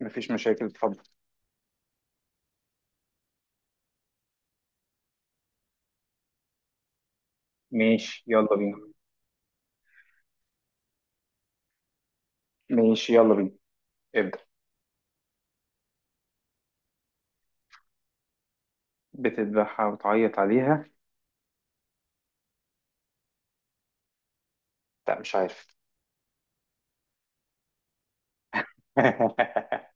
مفيش مشاكل، اتفضل. ماشي، يلا بينا. ماشي، يلا بينا. ابدأ. بتذبحها وتعيط عليها؟ لا، مش عارف.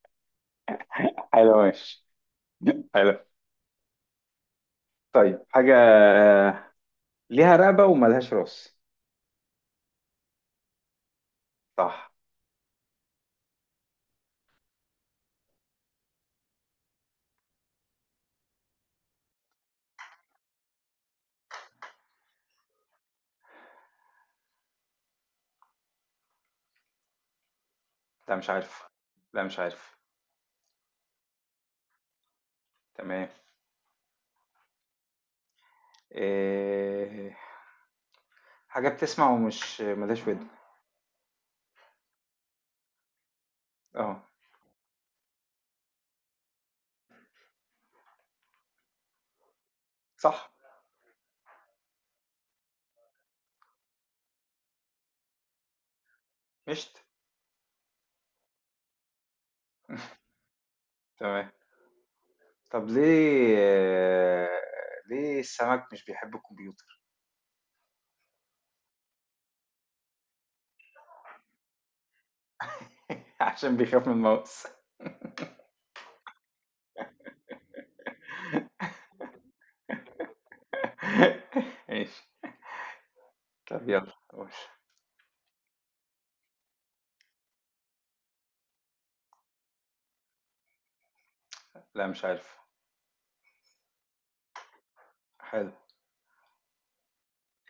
حلو، ماشي. حلو. طيب، حاجة ليها رقبة وملهاش راس. صح. لا، مش عارف. لا، مش عارف. تمام. إيه، حاجة بتسمع ومش ملهاش ودن. اه. صح. مشت. تمام. طب ليه السمك مش بيحب الكمبيوتر؟ عشان بيخاف من الماوس. ماشي. طب يلا قول. لا، مش عارف. حلو.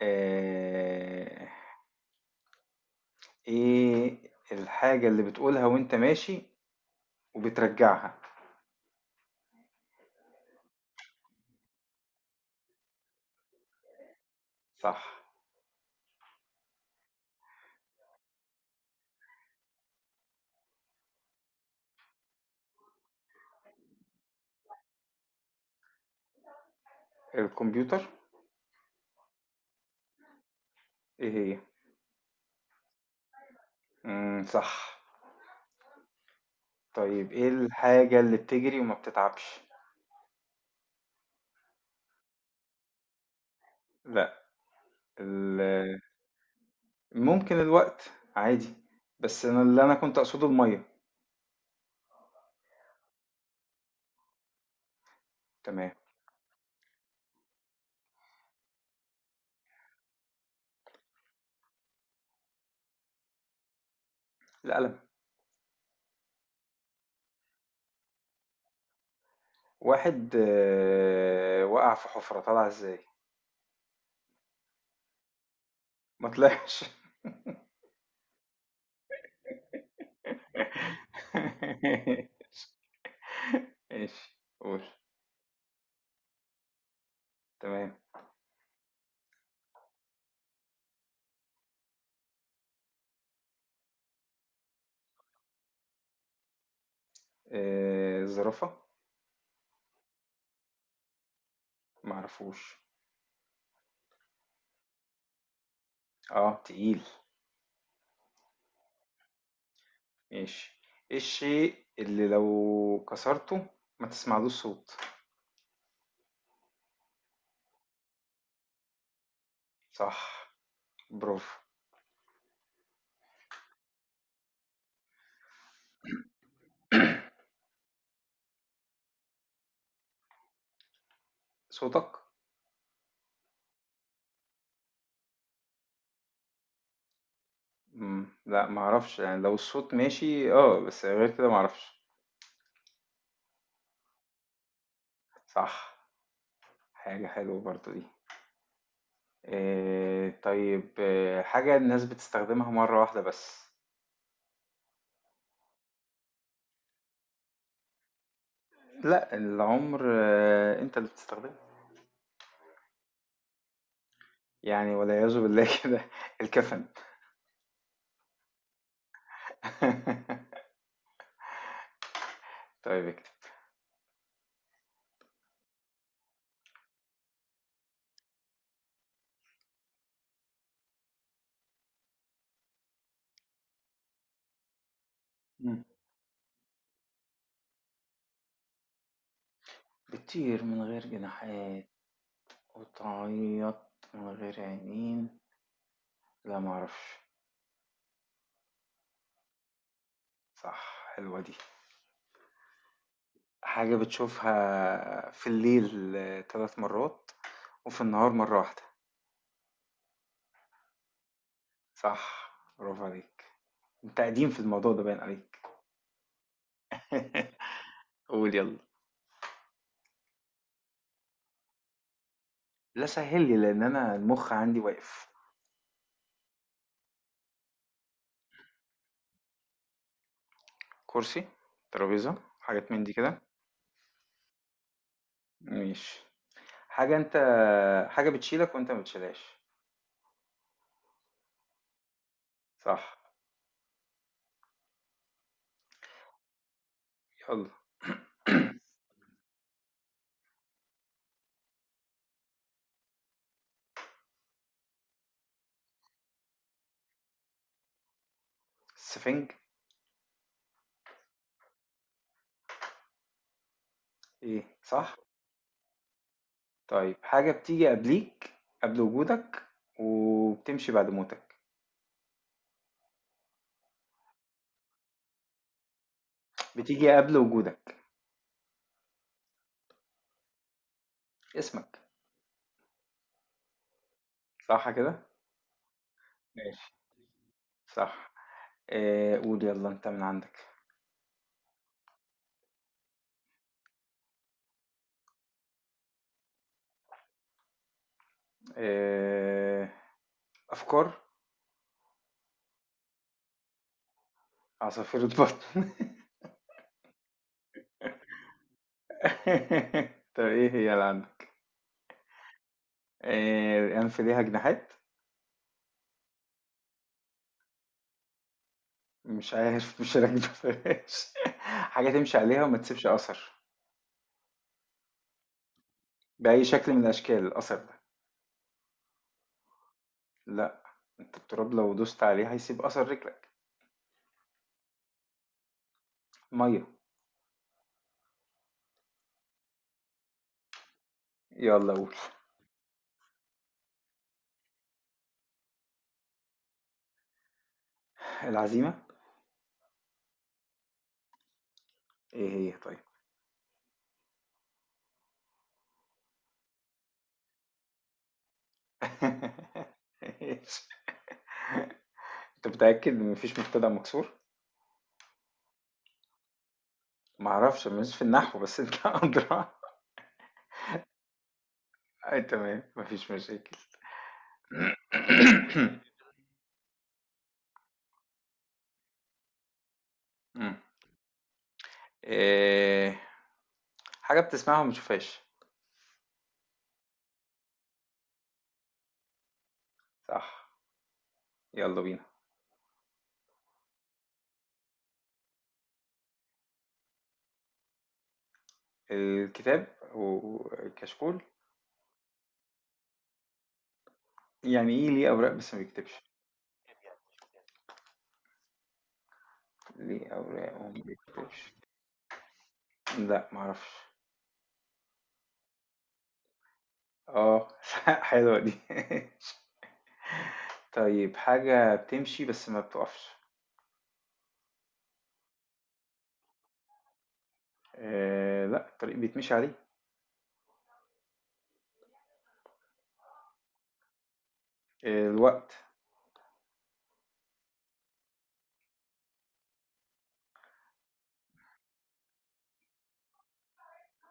آه، ايه الحاجة اللي بتقولها وانت ماشي وبترجعها؟ صح. الكمبيوتر. ايه هي؟ مم، صح. طيب، ايه الحاجة اللي بتجري وما بتتعبش؟ لا. ال- ممكن الوقت. عادي. بس انا اللي انا كنت اقصده المية. تمام. القلم. واحد وقع في حفرة، طلع ازاي؟ ما طلعش. ماشي، قول. تمام. الزرافة. معرفوش. اه، تقيل. ماشي. ايه الشيء اللي لو كسرته ما تسمعلوش صوت؟ صح، برافو. صوتك. مم. لا، معرفش. يعني لو الصوت ماشي، اه، بس غير كده معرفش. صح. حاجة حلوة برضو دي. إيه طيب، إيه حاجة الناس بتستخدمها مرة واحدة بس؟ لا، العمر انت اللي بتستخدمه. يعني والعياذ بالله كده. الكفن. طيب، اكتب. مم. بتطير من غير جناحات وتعيط من غير عينين؟ لا، معرفش. صح، حلوة دي. حاجة بتشوفها في الليل 3 مرات، وفي النهار مرة واحدة. صح، برافو عليك. انت قديم في الموضوع ده، باين عليك. قول يلا. لا، سهل لي، لان انا المخ عندي واقف. كرسي، ترابيزة، حاجات من دي كده. ماشي. حاجة انت حاجة بتشيلك وانت ما بتشيلهاش. صح. يلا. السفنج. ايه، صح. طيب، حاجة بتيجي قبليك، قبل وجودك، وبتمشي بعد موتك. بتيجي قبل وجودك. اسمك. صح كده. ماشي. صح. قول يلا انت من عندك. آه افكار. عصافير بطن. طب ايه هي اللي عندك؟ الانف ليها جناحات؟ مش عارف، مش راكبه فلاش. حاجه تمشي عليها وما تسيبش اثر. بأي شكل من الأشكال الأثر ده؟ لا. أنت التراب لو دوست عليه هيسيب أثر رجلك. مية. يلا قول. العزيمة. إيه هي طيب؟ إيش؟ أنت متأكد إن مفيش مبتدأ مكسور؟ معرفش، مش في النحو، بس أنت أدرى. أي، تمام، مفيش مشاكل. مم. إيه، حاجة بتسمعها وما بتشوفهاش؟ صح. يلا بينا. الكتاب والكشكول. يعني إيه ليه أوراق بس ما بيكتبش؟ ليه أوراق وما بيكتبش؟ لأ، ما اعرفش. آه، حلوة دي. طيب، حاجة بتمشي بس ما بتقفش. لأ، الطريق بيتمشي عليه. الوقت.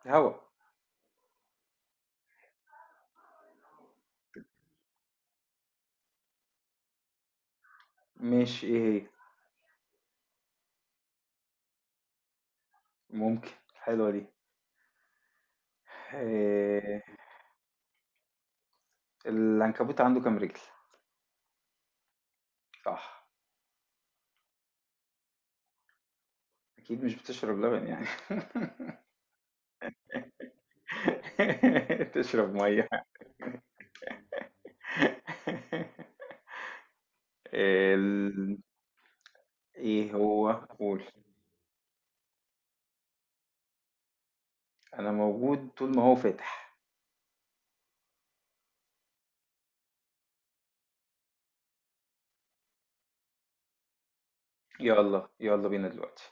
الهوا. ماشي، إيه هي؟ ممكن، حلوة دي. آآ العنكبوت عنده كام رجل؟ صح. أكيد مش بتشرب لبن يعني. تشرب مَيّة. ال إيه هو؟ قُل. أنا موجود طول ما هو فاتح. يالّا، يالّا بينا دلوقتي.